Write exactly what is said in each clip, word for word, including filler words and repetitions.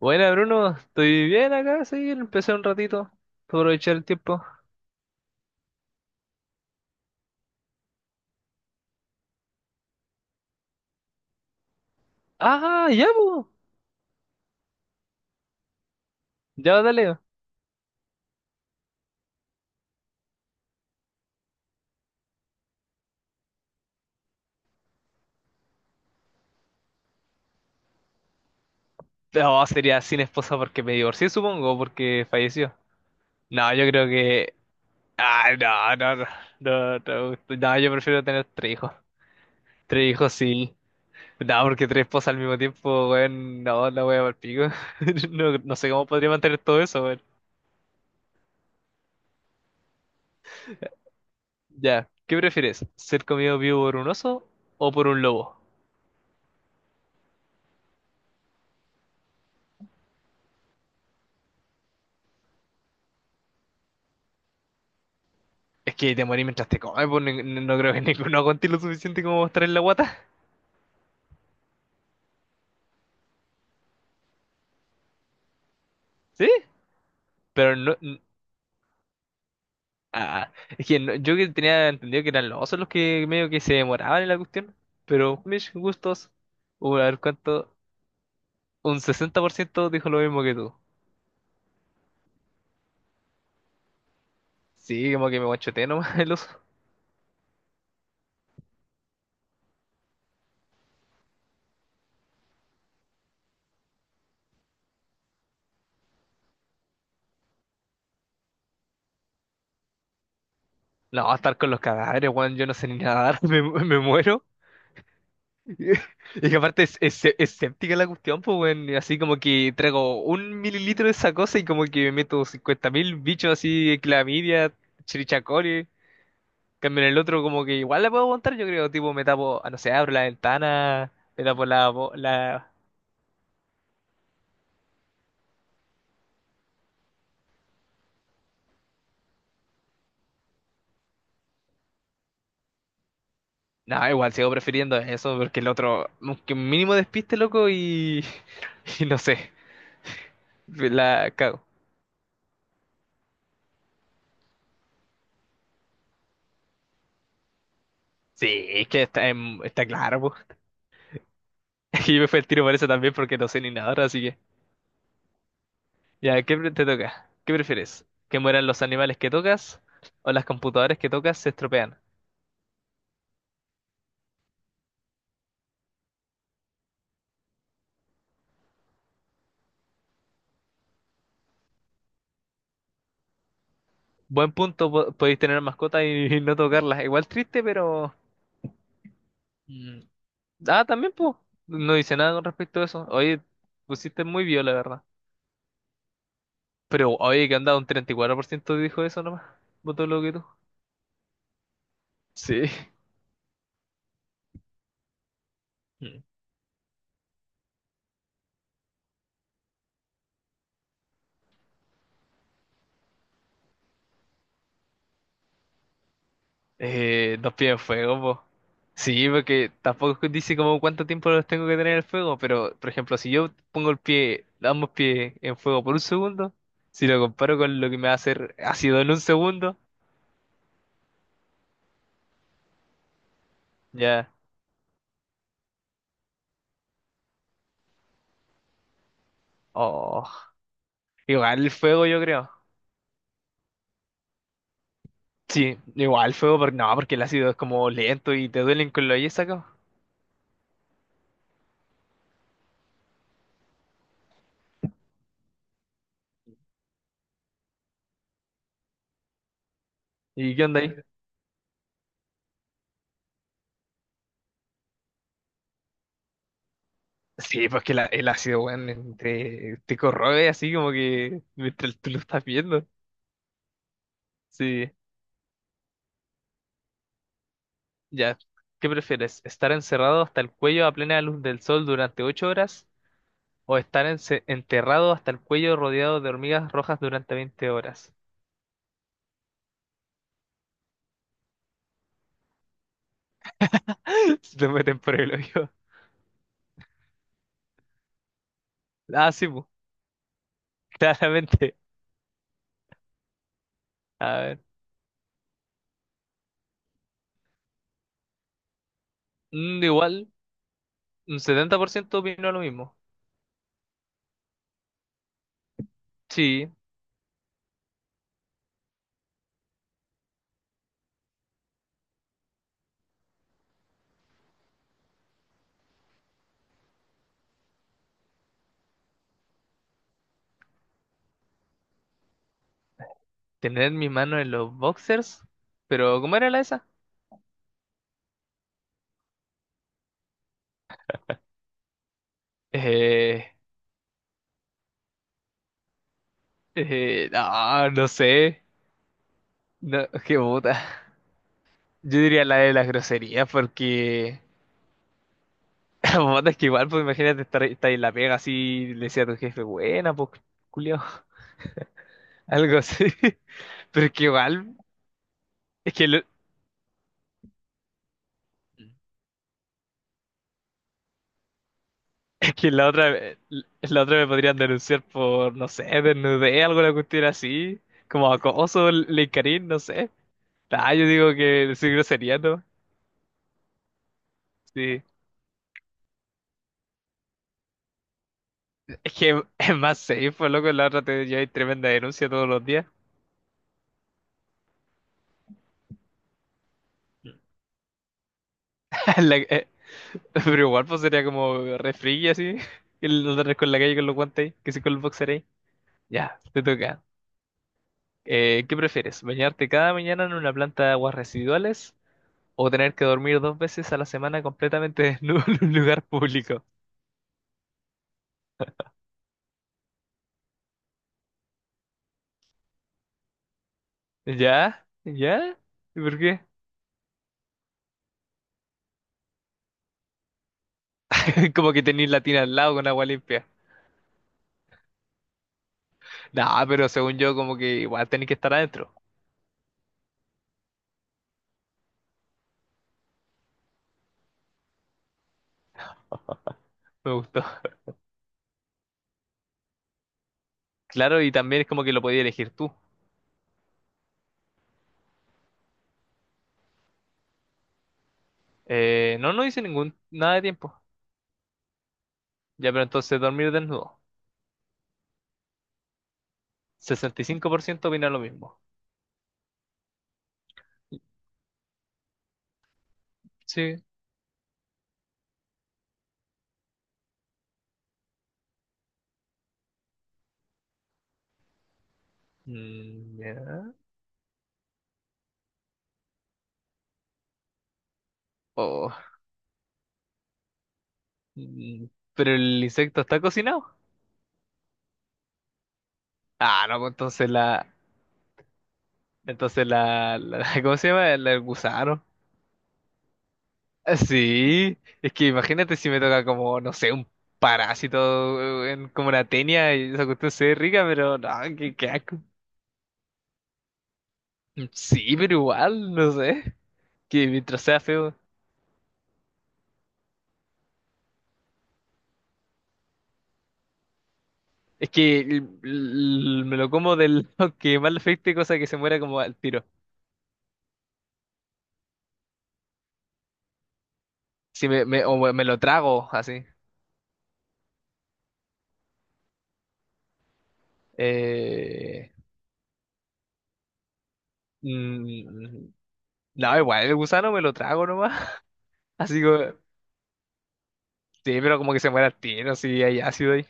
Buena, Bruno, estoy bien acá, sí, empecé un ratito para aprovechar el tiempo. Ah, ya, po. Ya, dale. No, sería sin esposa porque me divorcié, supongo, porque falleció. No, yo creo que... Ah, no, no, no, no, no, no, yo prefiero tener tres hijos. Tres hijos, sí. No, porque tres esposas al mismo tiempo, weón, no, la voy a pico. No, no sé cómo podría mantener todo eso, weón. Ya, ¿qué prefieres? ¿Ser comido vivo por un oso o por un lobo? Es que te morí mientras te comes, pues ni- ni- no, creo que ninguno aguante lo suficiente como mostrar en la guata. ¿Sí? Pero no... n- Ah, es que no- yo que tenía entendido que eran los osos los que medio que se demoraban en la cuestión. Pero mis gustos, uh, a ver cuánto... Un sesenta por ciento dijo lo mismo que tú. Sí, como que me guachoteé nomás el oso. No, estar con los cadáveres, weón, yo no sé ni nadar, me, me muero. Y que aparte es, es, es séptica la cuestión, pues, weón. Y así como que traigo un mililitro de esa cosa y como que me meto cincuenta mil bichos así, clamidia, chirichacori. Cambio en el otro como que igual la puedo aguantar, yo creo. Tipo, me tapo, ah, no sé, abro la ventana, me tapo la... bo- la... No, igual sigo prefiriendo eso porque el otro, que un mínimo despiste, loco, y... Y no sé, la cago. Sí, es que está, en- está claro, pues. Y me fue el tiro por eso también porque no sé ni nada, así que... Ya, ¿qué pre- te toca? ¿Qué prefieres? ¿Que mueran los animales que tocas o las computadoras que tocas se estropean? Buen punto, po- podéis tener mascotas y, no tocarlas. Igual triste, pero... mm, Ah, también, pues. No dice nada con respecto a eso. Oye, pusiste muy bien, la verdad. Pero, oye, que anda un treinta y cuatro por ciento dijo eso nomás. Votó lo que tú. Sí. Eh, dos pies de fuego, po. Sí, porque tampoco dice como cuánto tiempo los tengo que tener en el fuego, pero por ejemplo, si yo pongo el pie, ambos pies en fuego por un segundo, si lo comparo con lo que me va a hacer ácido en un segundo, ya. Oh, igual el fuego, yo creo. Sí, igual el fuego, porque no, porque el ácido es como lento y te duelen con lo yes acá. ¿Y qué onda ahí? Sí, pues que la- el ácido, weón, te, te corroe así como que mientras tú lo estás viendo. Sí. Ya, ¿qué prefieres? ¿Estar encerrado hasta el cuello a plena luz del sol durante ocho horas o estar ence- enterrado hasta el cuello rodeado de hormigas rojas durante veinte horas? Se te meten por el hoyo. Ah, sí, pu, claramente. A ver, mm, igual, un setenta por ciento opinó lo mismo. Sí, tener mi mano en los boxers, pero ¿cómo era la esa? Eh, eh, no, no sé. No, qué puta. Yo diría la de las groserías porque... Puta, es que igual, pues imagínate estar, estar en la pega así, le decía a tu jefe, buena, pues, culiao, algo así. Pero es que igual, es que, lo- es que la otra, la otra me podrían denunciar por, no sé, desnudez, alguna cuestión así, como acoso, linkarín, no sé. Ah, yo digo que decir grosería, ¿no? Sí. Es que es más safe, pues, loco, la otra te lleva tremenda denuncia todos los días. La- eh, pero igual, pues, sería como refri así, que lo andas con la calle con los guantes, ahí, que sí con el boxer ahí. Ya, te toca. Eh, ¿qué prefieres? ¿Bañarte cada mañana en una planta de aguas residuales o tener que dormir dos veces a la semana completamente desnudo en un lugar público? ¿Ya? ¿Ya? ¿Y por qué? Como que tenéis la tina al lado con agua limpia. Nah, pero según yo, como que igual tenéis que estar adentro. Me gustó. Claro, y también es como que lo podías elegir tú. Eh, no, no hice ningún, nada de tiempo. Ya, pero entonces dormir desnudo. Sesenta y cinco por ciento opina lo mismo. Sí. Mm, ya. Oh, Mm, pero el insecto está cocinado. Ah, no, pues entonces la. Entonces la, la- ¿Cómo se llama? El, el gusano. Ah, sí, es que imagínate si me toca como, no sé, un parásito eh, en, como una tenia y esa cuestión se ve rica, pero no, qué, qué asco. Mm, Sí, pero igual, no sé. Que mientras sea feo. Es que l- l- me lo como del lado que más le afecte, cosa que se muera como al tiro. Si me, me, o me me lo trago así. Eh, mm, No, igual, el gusano me lo trago nomás. Así que, sí, pero como que se muere al tiro, si hay ácido ahí.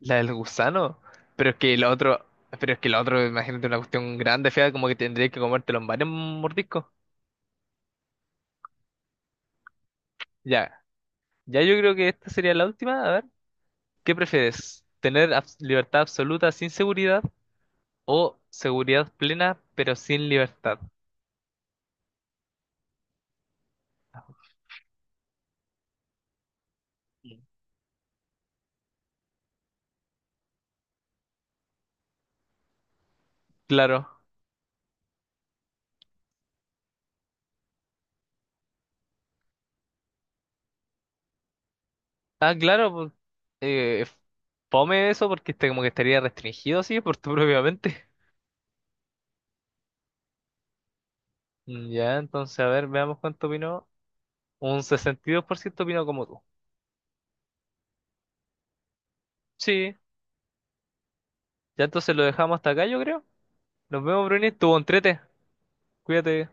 La del gusano. Pero es que el otro, pero es que el otro, imagínate una cuestión grande, fea, como que tendrías que comértelo en varios mordiscos. Ya, ya yo creo que esta sería la última. A ver, ¿qué prefieres? ¿Tener abs- libertad absoluta sin seguridad o seguridad plena pero sin libertad? Mm. Claro. Ah, claro, pues, eh, fome eso porque este como que estaría restringido así por tu propia mente. Mm, Ya, entonces, a ver, veamos cuánto opinó. Un sesenta y dos por ciento opinó como tú. Sí, ya entonces lo dejamos hasta acá, yo creo. Nos vemos, Bruni. Estuvo entrete. Cuídate.